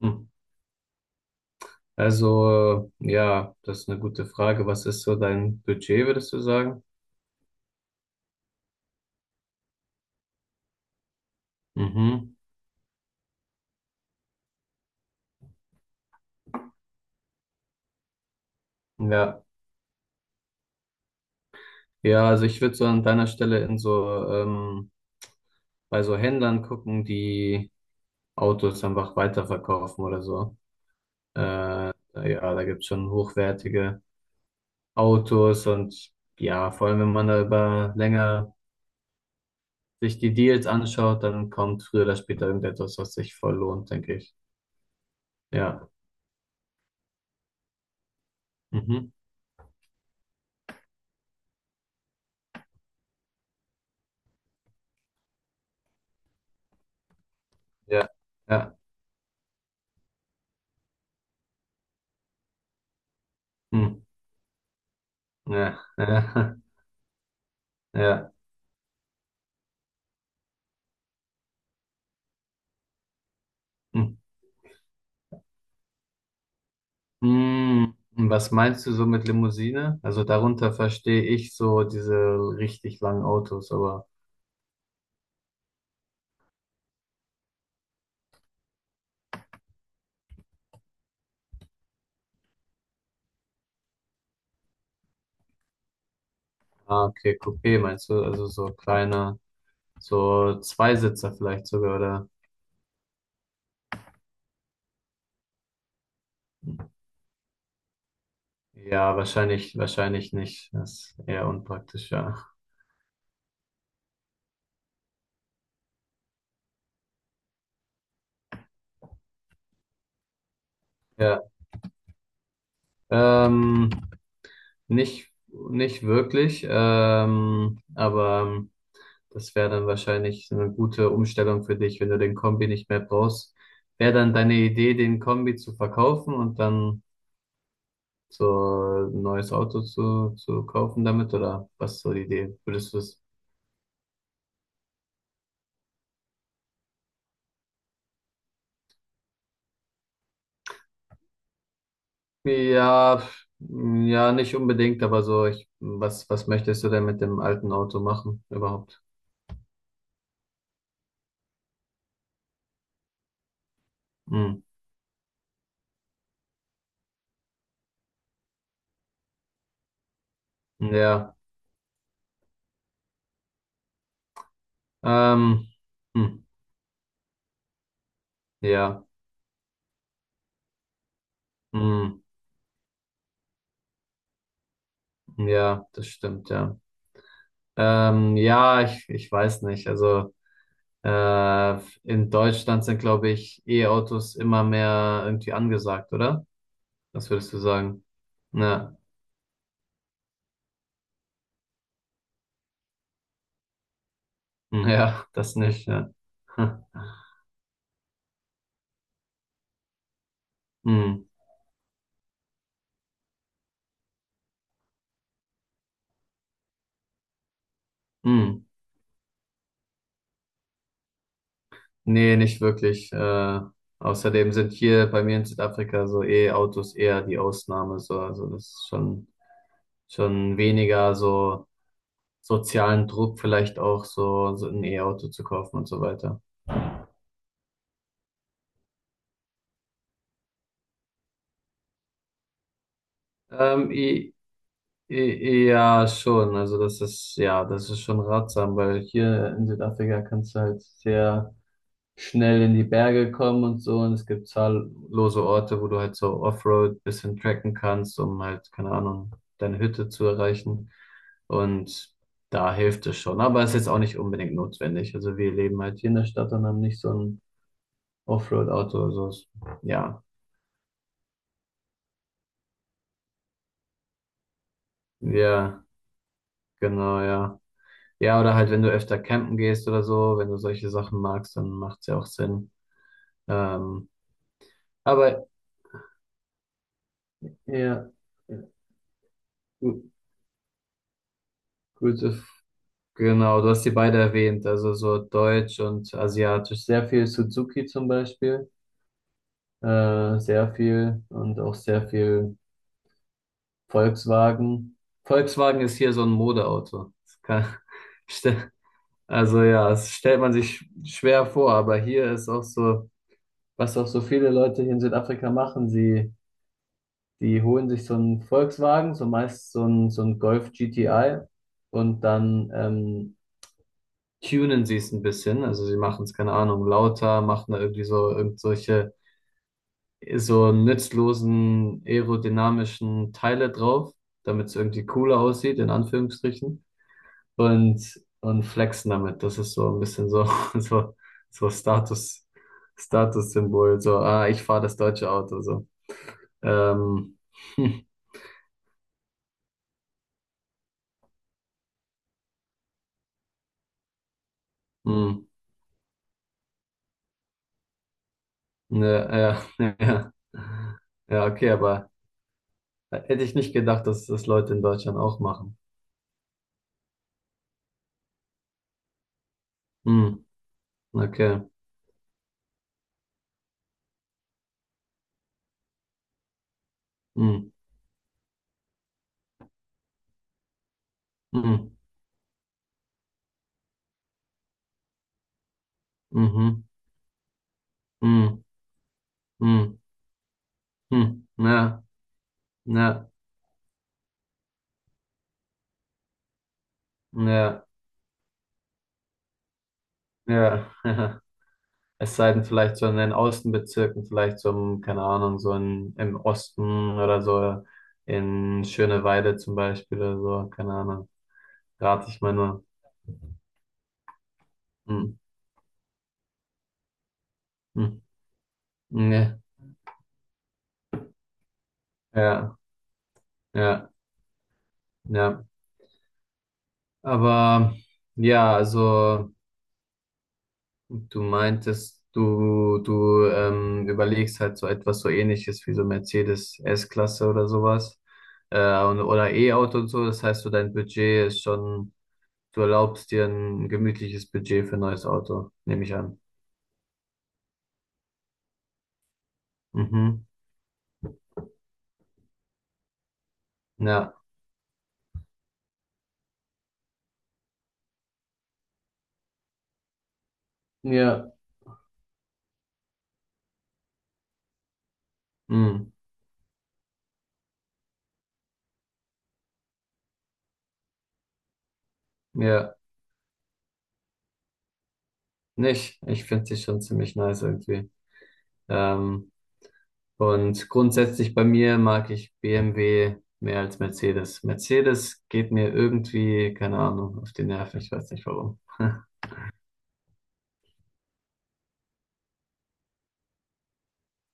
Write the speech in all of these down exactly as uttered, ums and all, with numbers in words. Mhm. Also, äh, ja, das ist eine gute Frage. Was ist so dein Budget, würdest du sagen? Mhm. Ja. Ja, also ich würde so an deiner Stelle in so, ähm, bei so Händlern gucken, die Autos einfach weiterverkaufen oder so. Äh, ja, da gibt's schon hochwertige Autos und ja, vor allem wenn man da über länger sich die Deals anschaut, dann kommt früher oder später irgendetwas, was sich voll lohnt, denke ich. Ja. Mhm. Ja. Ja. Hm. Ja, ja, ja. Hm. Hm. Was meinst du so mit Limousine? Also darunter verstehe ich so diese richtig langen Autos, aber ah, okay, Coupé meinst du? Also so kleiner, so Zweisitzer vielleicht sogar, oder? Ja, wahrscheinlich, wahrscheinlich nicht. Das ist eher unpraktisch, ja. Ja, ähm, nicht, nicht wirklich, ähm, aber ähm, das wäre dann wahrscheinlich eine gute Umstellung für dich, wenn du den Kombi nicht mehr brauchst. Wäre dann deine Idee, den Kombi zu verkaufen und dann so ein neues Auto zu, zu kaufen damit? Oder was ist so die Idee? Würdest du das? Ja, ja, nicht unbedingt, aber so, ich, was, was möchtest du denn mit dem alten Auto machen überhaupt? Hm, ja, ähm, hm, ja, hm, ja, das stimmt, ja. Ähm, ja, ich, ich weiß nicht. Also. Äh, in Deutschland sind, glaube ich, E-Autos immer mehr irgendwie angesagt, oder? Was würdest du sagen? Ja, ja, das nicht, ja. Hm. Hm. Hm. Nee, nicht wirklich. Äh, außerdem sind hier bei mir in Südafrika so E-Autos eher die Ausnahme. So. Also das ist schon, schon weniger so sozialen Druck, vielleicht auch so, so ein E-Auto zu kaufen und so weiter. Ähm, i- I- Ja, schon. Also das ist, ja, das ist schon ratsam, weil hier in Südafrika kannst du halt sehr schnell in die Berge kommen und so. Und es gibt zahllose Orte, wo du halt so Offroad bisschen tracken kannst, um halt, keine Ahnung, deine Hütte zu erreichen. Und da hilft es schon. Aber es ist jetzt auch nicht unbedingt notwendig. Also wir leben halt hier in der Stadt und haben nicht so ein Offroad-Auto. Also es- ja, ja, genau, ja. Ja, oder halt, wenn du öfter campen gehst oder so, wenn du solche Sachen magst, dann macht es ja auch Sinn. Ähm, aber ja, gu- gute, F- genau, du hast die beide erwähnt, also so Deutsch und Asiatisch. Sehr viel Suzuki zum Beispiel, äh, sehr viel und auch sehr viel Volkswagen. Volkswagen ist hier so ein Modeauto. Das kann, ste- Also ja, das stellt man sich sch- schwer vor, aber hier ist auch so, was auch so viele Leute hier in Südafrika machen, sie die holen sich so einen Volkswagen, so meist so einen, so einen Golf G T I und dann ähm, tunen sie es ein bisschen. Also sie machen es, keine Ahnung, lauter, machen da irgendwie so irgendwelche so nützlosen aerodynamischen Teile drauf, damit es irgendwie cooler aussieht, in Anführungsstrichen. Und, und flexen damit. Das ist so ein bisschen so, so, so Status, Statussymbol. So, ah, ich fahre das deutsche Auto. So. Ähm, Ja, ja, ja. Ja, okay, aber hätte ich nicht gedacht, dass das Leute in Deutschland auch machen. Hm, okay. Hm, hm, mhm, hm, hm, hm. Ja, ja, ja, ja. Es sei denn, vielleicht so in den Außenbezirken, vielleicht so, im, keine Ahnung, so in, im Osten oder so in Schöneweide zum Beispiel oder so, keine Ahnung. Rate ich mal nur. Hm, hm, hm. Ja, ja, ja. Ja. Aber ja, also du meintest, du, du ähm, überlegst halt so etwas so Ähnliches wie so Mercedes S-Klasse oder sowas äh, und, oder E-Auto und so. Das heißt, so dein Budget ist schon, du erlaubst dir ein gemütliches Budget für ein neues Auto, nehme ich an. Mhm. Ja. Ja. Mhm. Ja. Nicht. Ich finde sie schon ziemlich nice irgendwie. Ähm, Und grundsätzlich bei mir mag ich B M W mehr als Mercedes. Mercedes geht mir irgendwie, keine Ahnung, auf die Nerven. Ich weiß nicht warum.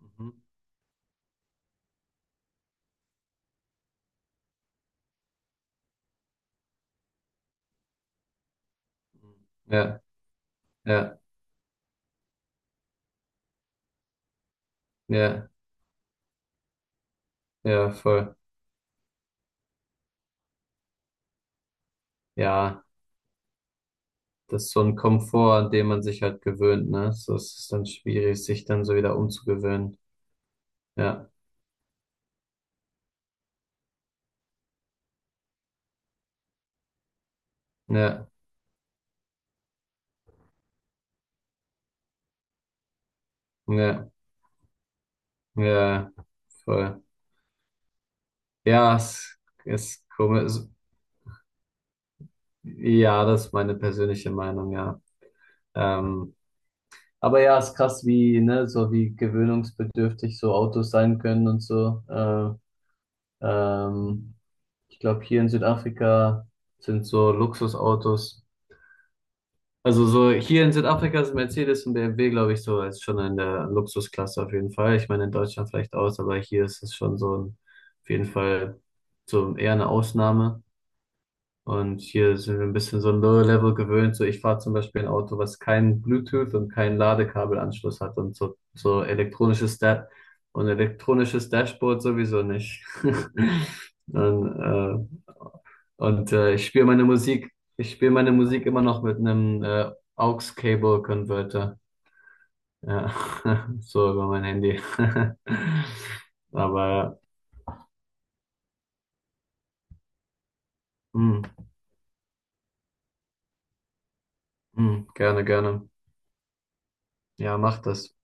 Mhm. Ja, ja, ja, ja, voll. Ja, das ist so ein Komfort, an dem man sich halt gewöhnt, ne? So es ist dann schwierig, sich dann so wieder umzugewöhnen. Ja, ja, ja, ja, voll. Ja, es ist komisch. Ja, das ist meine persönliche Meinung, ja. Ähm, Aber ja, ist krass, wie, ne, so wie gewöhnungsbedürftig so Autos sein können und so. Äh, ähm, Ich glaube, hier in Südafrika sind so Luxusautos. Also so hier in Südafrika sind Mercedes und B M W, glaube ich, so ist schon in der Luxusklasse auf jeden Fall. Ich meine, in Deutschland vielleicht aus, aber hier ist es schon so ein, auf jeden Fall so eher eine Ausnahme. Und hier sind wir ein bisschen so Low Level gewöhnt. So, ich fahre zum Beispiel ein Auto, was kein Bluetooth und keinen Ladekabelanschluss hat und so, so elektronisches Da und elektronisches Dashboard sowieso nicht. Und, äh, und äh, ich spiele meine Musik, ich spiele meine Musik immer noch mit einem äh, Aux-Cable-Converter. Ja, so über mein Handy. Aber ja, mm, mm, gerne, gerne. Ja, mach das.